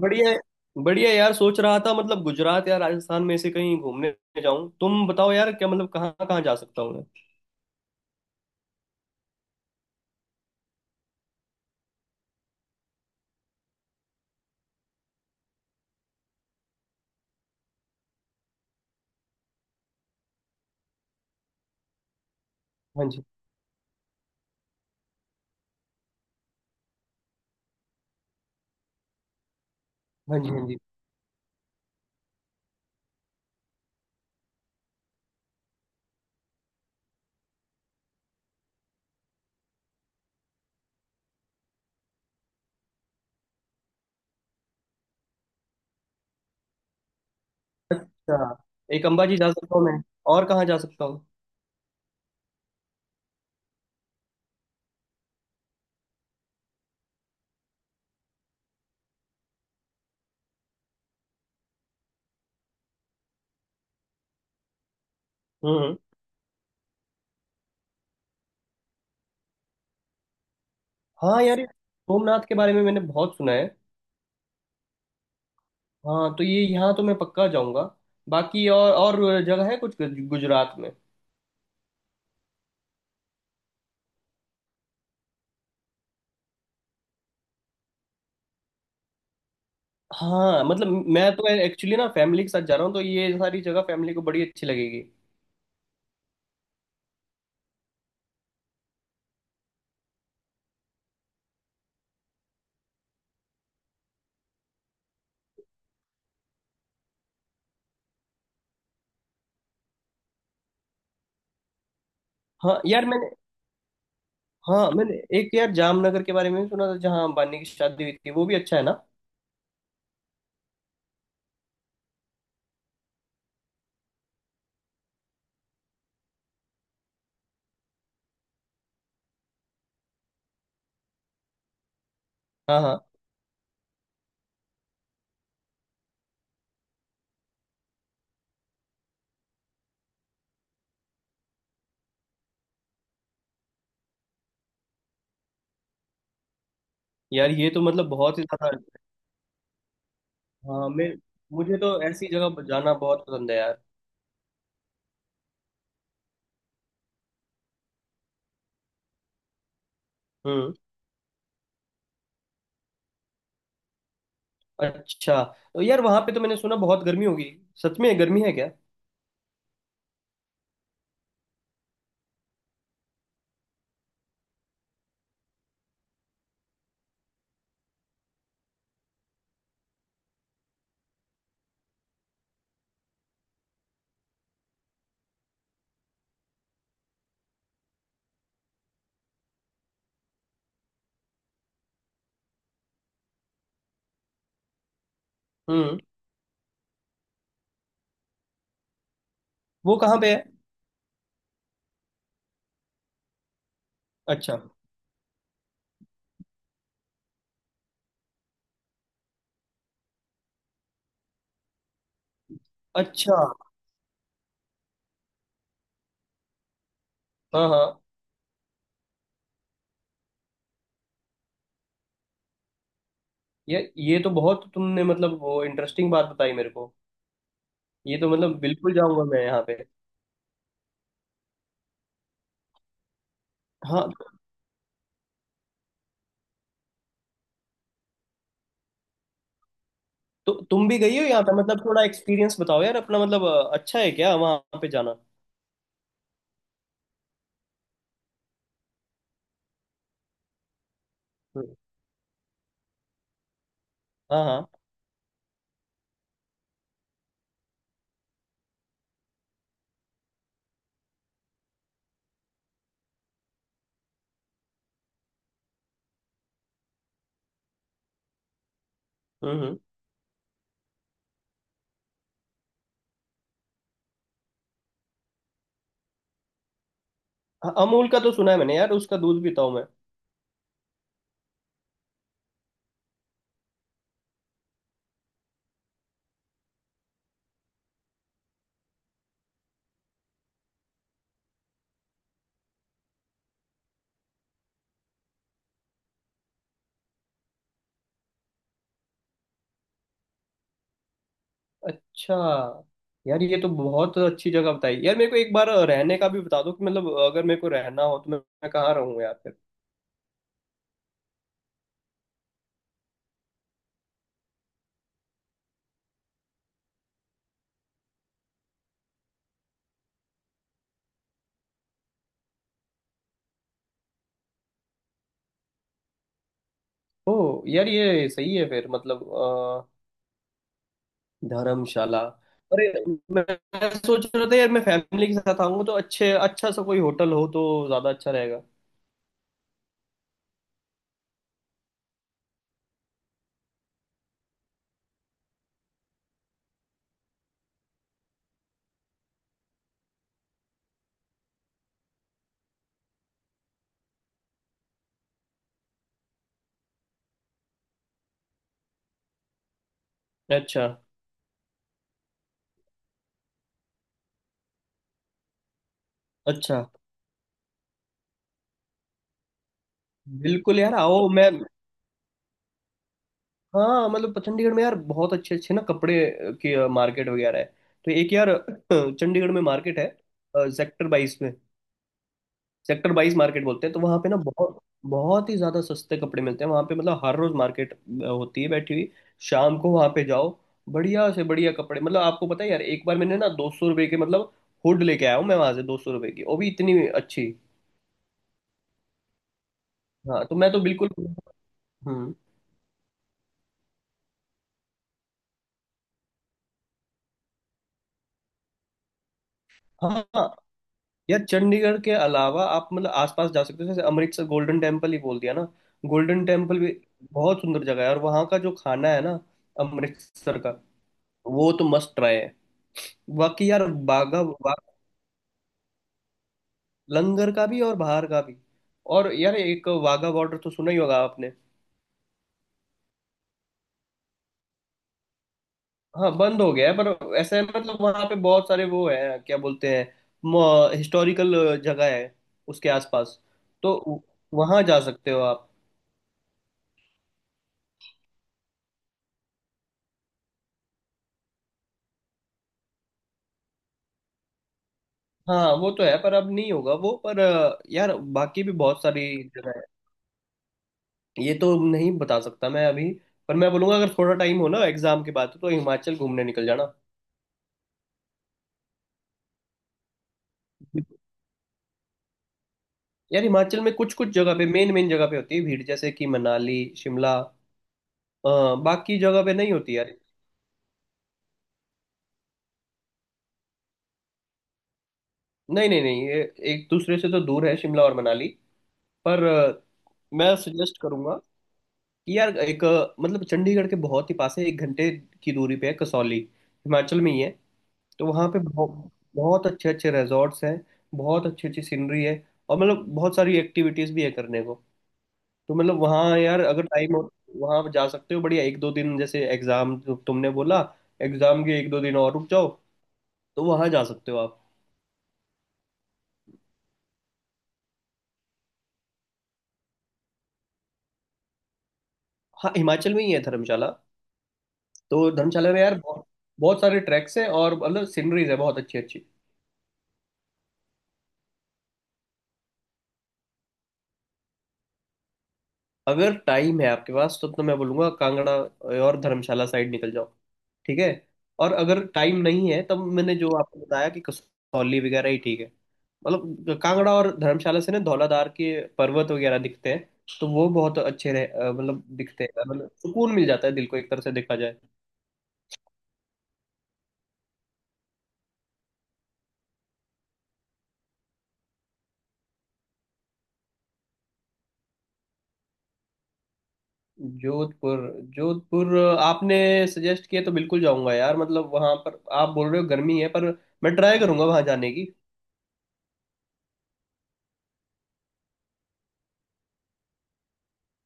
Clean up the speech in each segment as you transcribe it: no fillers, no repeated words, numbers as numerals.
बढ़िया। बढ़िया यार, सोच रहा था मतलब गुजरात या राजस्थान में से कहीं घूमने जाऊं। तुम बताओ यार, क्या मतलब कहाँ कहाँ जा सकता हूँ मैं? हाँ जी। हाँ जी। हाँ जी। अच्छा, एक अंबाजी जा सकता हूँ मैं, और कहाँ जा सकता हूँ? हम्म। हाँ यार, ये सोमनाथ के बारे में मैंने बहुत सुना है। हाँ, तो ये यहाँ तो मैं पक्का जाऊंगा। बाकी और जगह है कुछ गुजरात में? हाँ मतलब, मैं तो एक्चुअली ना फैमिली के साथ जा रहा हूँ, तो ये सारी जगह फैमिली को बड़ी अच्छी लगेगी। हाँ यार मैंने। हाँ, मैंने एक यार जामनगर के बारे में भी सुना था, जहाँ अंबानी की शादी हुई थी। वो भी अच्छा है ना? हाँ हाँ। यार ये तो मतलब बहुत ही ज्यादा। हाँ, मैं मुझे तो ऐसी जगह पर जाना बहुत पसंद है यार। हम्म। अच्छा, तो यार वहाँ पे तो मैंने सुना बहुत गर्मी होगी। सच में गर्मी है क्या? हम्म वो कहाँ पे है? अच्छा। अच्छा। हाँ हाँ। यार ये तो बहुत तुमने मतलब वो इंटरेस्टिंग बात बताई मेरे को। ये तो मतलब बिल्कुल जाऊंगा मैं यहाँ पे। हाँ, तो तुम भी गई हो यहाँ पे? मतलब थोड़ा एक्सपीरियंस बताओ यार अपना, मतलब अच्छा है क्या वहाँ पे जाना? हम्म। हाँ हाँ। हम्म। हाँ, अमूल का तो सुना है मैंने यार, उसका दूध पीता हूँ मैं। अच्छा। यार ये तो बहुत अच्छी जगह बताई यार मेरे को। एक बार रहने का भी बता दो कि, मतलब अगर मेरे को रहना हो तो मैं कहाँ रहूँ यार फिर? ओ यार ये सही है फिर, मतलब धर्मशाला। अरे, मैं मैं सोच रहा था यार, मैं फैमिली के साथ आऊंगा तो अच्छे अच्छा सा कोई होटल हो तो ज्यादा अच्छा रहेगा। अच्छा। अच्छा। बिल्कुल यार, आओ। मैं। हाँ मतलब, चंडीगढ़ में यार बहुत अच्छे अच्छे ना कपड़े की मार्केट वगैरह है। तो एक यार चंडीगढ़ में मार्केट है, सेक्टर 22 में। सेक्टर 22 मार्केट बोलते हैं। तो वहाँ पे ना बहुत बहुत ही ज्यादा सस्ते कपड़े मिलते हैं वहाँ पे। मतलब हर रोज मार्केट होती है, बैठी हुई। शाम को वहाँ पे जाओ, बढ़िया से बढ़िया कपड़े। मतलब आपको पता है यार, एक बार मैंने ना ₹200 के, मतलब हुड लेके आया हूँ मैं वहां से, ₹200 की, वो भी इतनी अच्छी। हाँ, तो मैं तो बिल्कुल। हम्म। हाँ, यार चंडीगढ़ के अलावा आप मतलब आसपास जा सकते हो, जैसे अमृतसर। गोल्डन टेम्पल ही बोल दिया ना। गोल्डन टेम्पल भी बहुत सुंदर जगह है, और वहाँ का जो खाना है ना, अमृतसर का, वो तो मस्ट ट्राई है। बाकी यार, बागा बा, लंगर का भी और बाहर का भी। और यार एक वाघा बॉर्डर तो सुना ही होगा आपने। हाँ, बंद हो गया है, पर ऐसा है मतलब वहाँ पे बहुत सारे वो है, क्या बोलते हैं, हिस्टोरिकल जगह है उसके आसपास। तो वहाँ जा सकते हो आप। हाँ वो तो है, पर अब नहीं होगा वो, पर यार बाकी भी बहुत सारी जगह है, ये तो नहीं बता सकता मैं अभी। पर मैं बोलूंगा, अगर थोड़ा टाइम हो ना एग्जाम के बाद तो हिमाचल घूमने निकल जाना। यार हिमाचल में कुछ कुछ जगह पे, मेन मेन जगह पे होती है भीड़, जैसे कि मनाली शिमला। बाकी जगह पे नहीं होती यार। नहीं नहीं नहीं, ये एक दूसरे से तो दूर है शिमला और मनाली। पर मैं सजेस्ट करूंगा कि यार, एक मतलब चंडीगढ़ के बहुत ही पास है, 1 घंटे की दूरी पे है कसौली। हिमाचल में ही है। तो वहाँ पे बहुत बहुत अच्छे अच्छे रिजॉर्ट्स हैं, बहुत अच्छी अच्छी सीनरी है, और मतलब बहुत सारी एक्टिविटीज भी है करने को। तो मतलब वहाँ यार, अगर टाइम हो वहाँ आप जा सकते हो। बढ़िया एक दो दिन, जैसे एग्जाम तुमने बोला, एग्जाम के एक दो दिन और रुक जाओ। तो वहाँ जा सकते हो आप। हाँ, हिमाचल में ही है धर्मशाला। तो धर्मशाला में यार बहुत, बहुत सारे ट्रैक्स हैं, और मतलब सीनरीज है बहुत अच्छी अच्छी। अगर टाइम है आपके पास तो मैं बोलूंगा कांगड़ा और धर्मशाला साइड निकल जाओ। ठीक है, और अगर टाइम नहीं है तब मैंने जो आपको बताया कि कसौली वगैरह ही ठीक है। मतलब कांगड़ा और धर्मशाला से ना धौलाधार के पर्वत वगैरह दिखते हैं। तो वो बहुत अच्छे मतलब दिखते हैं, मतलब सुकून मिल जाता है दिल को, एक तरह से देखा जाए। जोधपुर। जोधपुर आपने सजेस्ट किया तो बिल्कुल जाऊंगा यार। मतलब वहां पर आप बोल रहे हो गर्मी है, पर मैं ट्राई करूंगा वहां जाने की।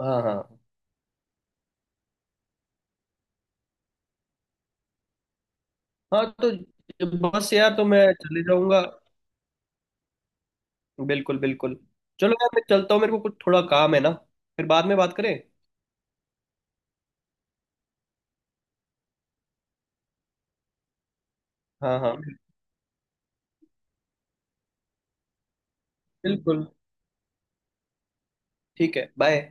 हाँ हाँ। हाँ, तो बस यार तो मैं चले जाऊंगा। बिल्कुल बिल्कुल। चलो यार मैं चलता हूँ, मेरे को कुछ थोड़ा काम है ना, फिर बाद में बात करें। हाँ हाँ। बिल्कुल। ठीक है, बाय।